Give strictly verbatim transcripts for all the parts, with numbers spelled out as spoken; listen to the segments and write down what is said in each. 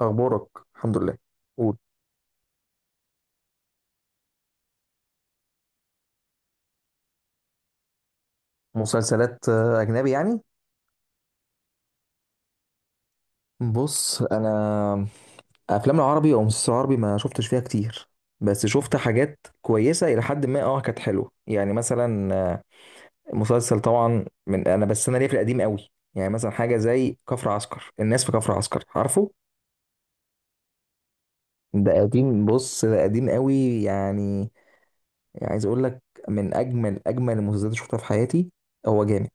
اخبارك. الحمد لله. قول. مسلسلات آه، اجنبي يعني. بص انا افلام العربي او مسلسل عربي ما شفتش فيها كتير، بس شفت حاجات كويسه الى حد ما اه كانت حلوه يعني مثلا آه، مسلسل طبعا من انا بس انا ليا في القديم قوي، يعني مثلا حاجه زي كفر عسكر، الناس في كفر عسكر عارفه. ده قديم، بص ده قديم قوي يعني. عايز اقول لك من اجمل اجمل المسلسلات اللي شفتها في حياتي. هو جامد.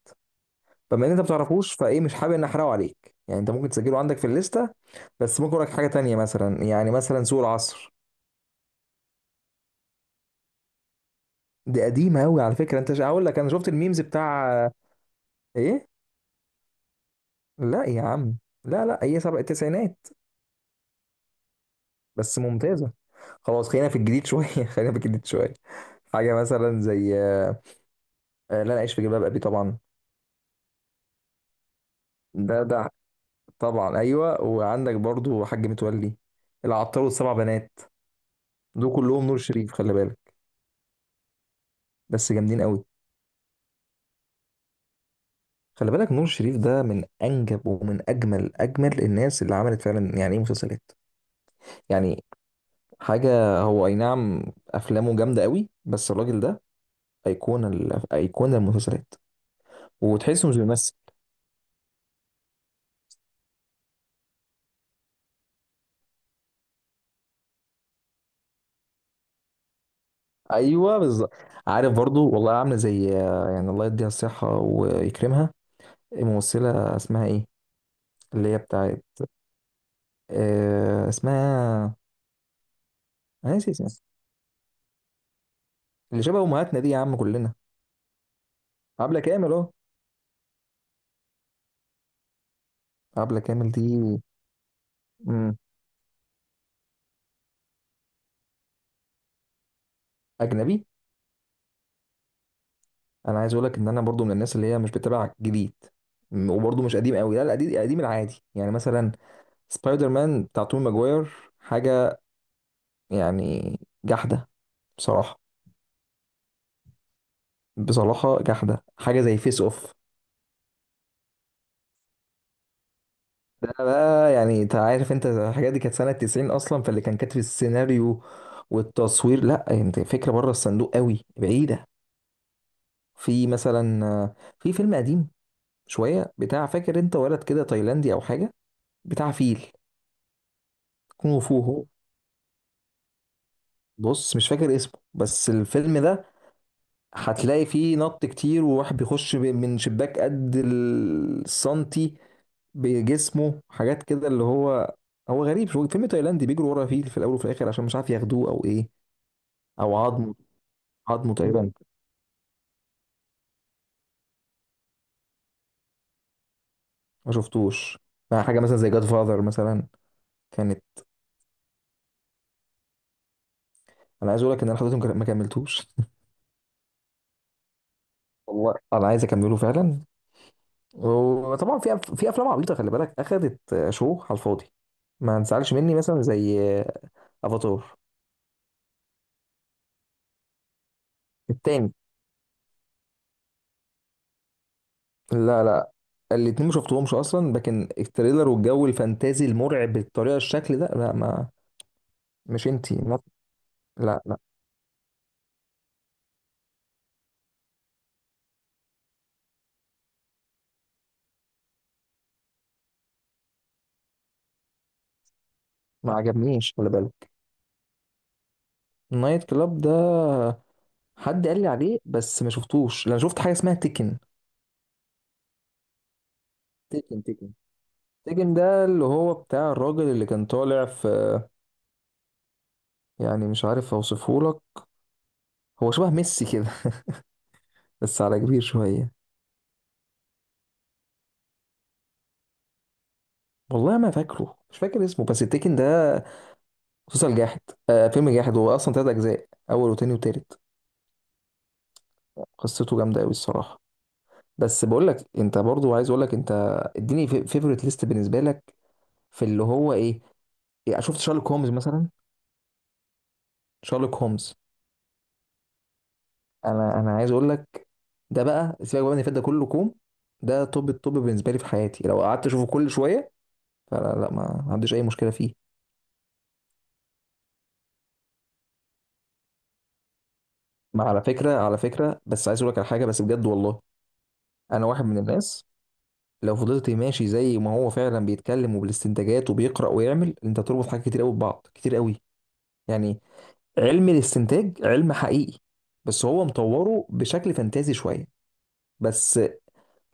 فبما ان انت ما بتعرفوش فايه مش حابب ان احرقه عليك، يعني انت ممكن تسجله عندك في الليسته. بس ممكن اقول لك حاجه تانية، مثلا يعني مثلا سوق العصر. دي قديمه قوي على فكره. انت ش- هقول لك انا شفت الميمز بتاع. ايه. لا يا عم. لا لا، هي سبع التسعينات. بس ممتازه. خلاص، خلينا في الجديد شويه خلينا في الجديد شويه. حاجه مثلا زي آه، آه، لا انا عايش في جلباب ابي طبعا. ده ده طبعا ايوه، وعندك برضو حاج متولي، العطار والسبع بنات. دول كلهم نور شريف، خلي بالك. بس جامدين قوي. خلي بالك، نور شريف ده من انجب ومن اجمل اجمل الناس اللي عملت فعلا يعني ايه مسلسلات، يعني حاجه. هو اي نعم، افلامه جامده قوي، بس الراجل ده ايقونه ال- ايقونه المسلسلات. وتحسه مش بيمثل. ايوه بالظبط. عارف، برضو والله عامله زي، يعني الله يديها الصحه ويكرمها. الممثله اسمها ايه؟ اللي هي بتاعت. آه اسمها. انا ناسي اسمها. اللي شبه امهاتنا دي يا عم كلنا. عبله كامل اهو. عبله كامل دي. مم. اجنبي. انا عايز اقول لك ان انا برضو من الناس اللي هي مش بتابع جديد، م- وبرضو مش قديم قوي. لا لا، قديم قديم العادي، يعني مثلا سبايدر مان بتاع توم ماجواير. حاجه يعني جحده بصراحه. بصراحه جحده، حاجه زي فيس اوف. ده بقى، يعني انت عارف، انت الحاجات دي كانت سنه تسعين اصلا، فاللي كان كاتب السيناريو والتصوير لا، يعني انت فكره بره الصندوق قوي بعيده. في مثلا آه، في فيلم قديم شويه، بتاع، فاكر انت ولد كده تايلاندي او حاجه، بتاع فيل، كونغ فو. بص مش فاكر اسمه، بس الفيلم ده هتلاقي فيه نط كتير، وواحد بيخش ب- من شباك قد السنتي بجسمه، حاجات كده اللي هو هو غريب. شو فيلم تايلاندي بيجروا ورا فيل في الاول وفي الاخر عشان مش عارف ياخدوه او ايه، او عظمه. عظمه تقريبا. ما شفتوش. بقى حاجه مثلا زي جاد فاذر مثلا. كانت. انا عايز اقول لك ان انا حضرتهم ما كملتوش والله انا عايز اكمله فعلا. وطبعا في أف- في افلام عبيطه، خلي بالك اخدت شو على الفاضي، ما تزعلش مني، مثلا زي افاتار. التاني. لا لا، الاتنين ما شفتهمش اصلا، لكن التريلر والجو الفانتازي المرعب بالطريقه الشكل ده لا ما. مش انتي ما. لا لا، ما عجبنيش خلي بالك. نايت كلاب ده حد قال لي عليه بس ما شفتوش. لا، انا شفت حاجه اسمها تيكن. تيكن. تيكن تيكن ده اللي هو بتاع الراجل اللي كان طالع في، يعني مش عارف اوصفه لك، هو شبه ميسي كده، بس على كبير شويه. والله ما فاكره، مش فاكر اسمه، بس التيكن ده مسلسل جاحد. آه، فيلم جاحد، هو اصلا تلات اجزاء، اول وتاني وتالت. قصته جامده قوي الصراحه. بس بقول لك انت، برضو عايز اقول لك انت اديني فيفورت ليست بالنسبه لك. في اللي هو ايه، يعني شفت شارلوك هومز مثلا؟ شارلوك هومز. انا انا عايز اقول لك، ده بقى سيبك بقى من اللي فات ده كله كوم. ده توب التوب بالنسبه لي في حياتي، لو قعدت اشوفه كل شويه فلا لا، ما ما عنديش اي مشكله فيه. ما على فكره، على فكره بس عايز اقول لك على حاجه بس بجد والله. انا واحد من الناس لو فضلت ماشي زي ما هو فعلا بيتكلم، وبالاستنتاجات وبيقرا ويعمل، انت تربط حاجات كتير قوي ببعض كتير قوي يعني. علم الاستنتاج علم حقيقي، بس هو مطوره بشكل فانتازي شويه بس.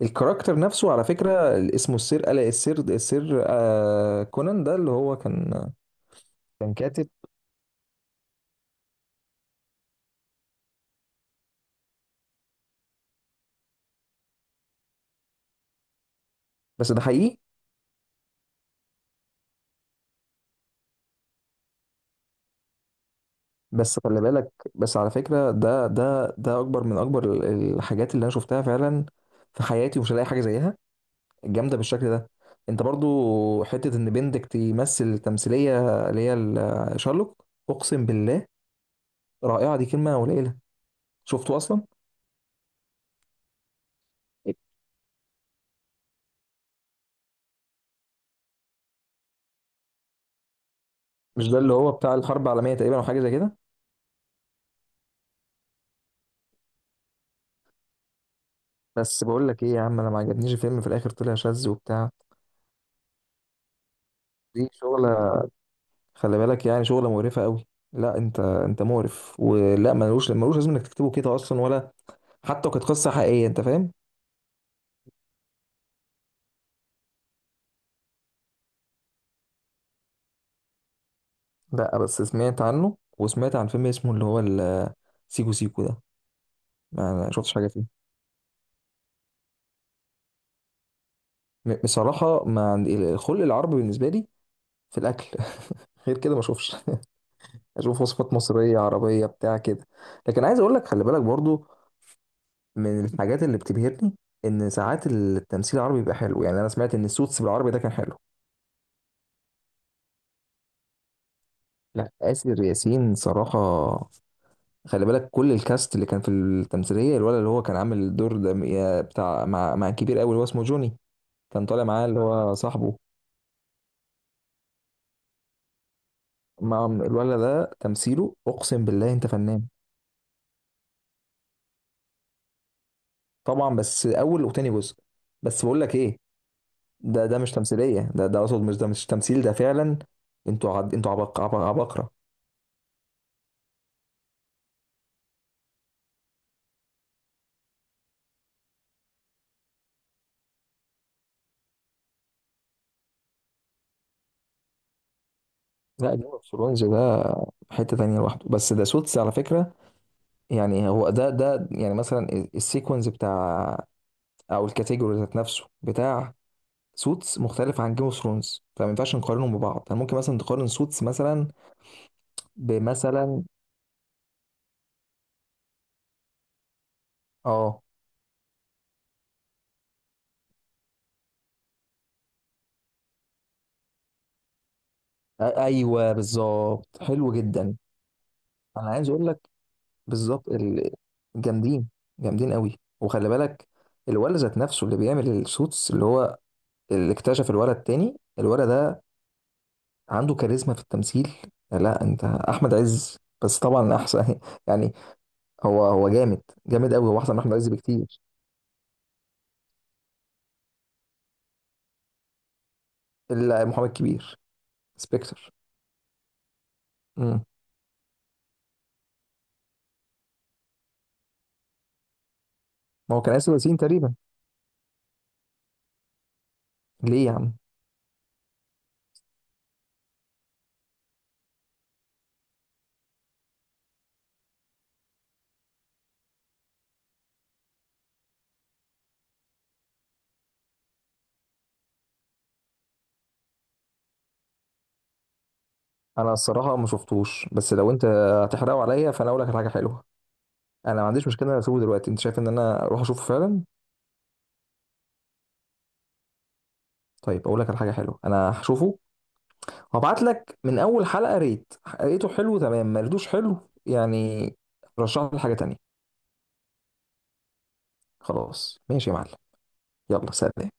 الكاركتر نفسه على فكره اللي اسمه السير الا السير السير آه كونان ده اللي هو كان كان كاتب. بس ده حقيقي. بس خلي بالك، بس على فكره، ده ده ده اكبر من اكبر الحاجات اللي انا شفتها فعلا في حياتي، ومش هلاقي حاجه زيها جامده بالشكل ده. انت برضو حته ان بندك تمثل تمثيليه اللي هي ال- شارلوك. اقسم بالله، رائعه دي كلمه قليله. شفته اصلا؟ مش ده اللي هو بتاع الحرب العالميه تقريبا او حاجه زي كده؟ بس بقول لك ايه يا عم، انا ما عجبنيش الفيلم، في الاخر طلع شاذ وبتاع. دي شغله، خلي بالك، يعني شغله مقرفه قوي. لا انت انت مقرف، ولا ملوش ملوش لازم انك تكتبه كده اصلا، ولا حتى لو كانت قصه حقيقيه، انت فاهم. لا بس سمعت عنه، وسمعت عن فيلم اسمه اللي هو ال- سيكو سيكو ده. ما ما شفتش حاجه فيه. م- بصراحة ما عند- الخلق العربي بالنسبة لي في الأكل غير كده ما أشوفش أشوف وصفات مصرية عربية بتاع كده. لكن عايز أقول لك، خلي بالك برضو، من الحاجات اللي بتبهرني إن ساعات التمثيل العربي بيبقى حلو. يعني أنا سمعت إن السوتس بالعربي ده كان حلو. لا آسر ياسين صراحة، خلي بالك كل الكاست اللي كان في التمثيلية، الولد اللي هو كان عامل الدور ده م- يا بتاع، مع مع كبير أوي اللي هو اسمه جوني، كان طالع معاه اللي هو صاحبه. مع الولد ده تمثيله أقسم بالله أنت فنان. طبعا بس اول وتاني جزء. بس بقول لك ايه، ده ده مش تمثيليه، ده ده اقصد مش ده مش تمثيل، ده فعلا. انتوا عد... انتوا عبق... عبق... عبقره. لا جيم اوف ثرونز ده حته تانية لوحده، بس ده سوتس على فكره. يعني هو ده ده يعني مثلا السيكونز بتاع، او الكاتيجوري ذات نفسه بتاع سوتس، مختلف عن جيم اوف ثرونز، فما ينفعش نقارنهم ببعض، يعني ممكن مثلا تقارن سوتس مثلا بمثلا. اه. أ- ايوه بالظبط، حلو جدا. انا عايز اقول لك بالظبط ال- جامدين. جامدين قوي، وخلي بالك الولد ذات نفسه اللي بيعمل السوتس اللي هو اللي اكتشف الولد التاني، الولد ده عنده كاريزما في التمثيل. لا انت احمد عز بس طبعا احسن يعني. هو هو جامد جامد قوي، هو احسن من احمد عز بكتير. الا محمد كبير. سبكتر. امم. ما هو كان اسر ياسين تقريبا. ليه يا عم؟ انا الصراحه ما شفتوش، بس لو انت هتحرقه عليا فانا اقول لك على حاجه حلوه. انا ما عنديش مشكله إن أنا اسيبه دلوقتي، انت شايف ان انا اروح اشوفه فعلا؟ طيب اقول لك على حاجه حلوه، انا هشوفه وهبعت لك من اول حلقه ريت. ريته حلو تمام، ما ريتوش حلو يعني رشح لي حاجه تانية. خلاص ماشي يا معلم. يلا سلام.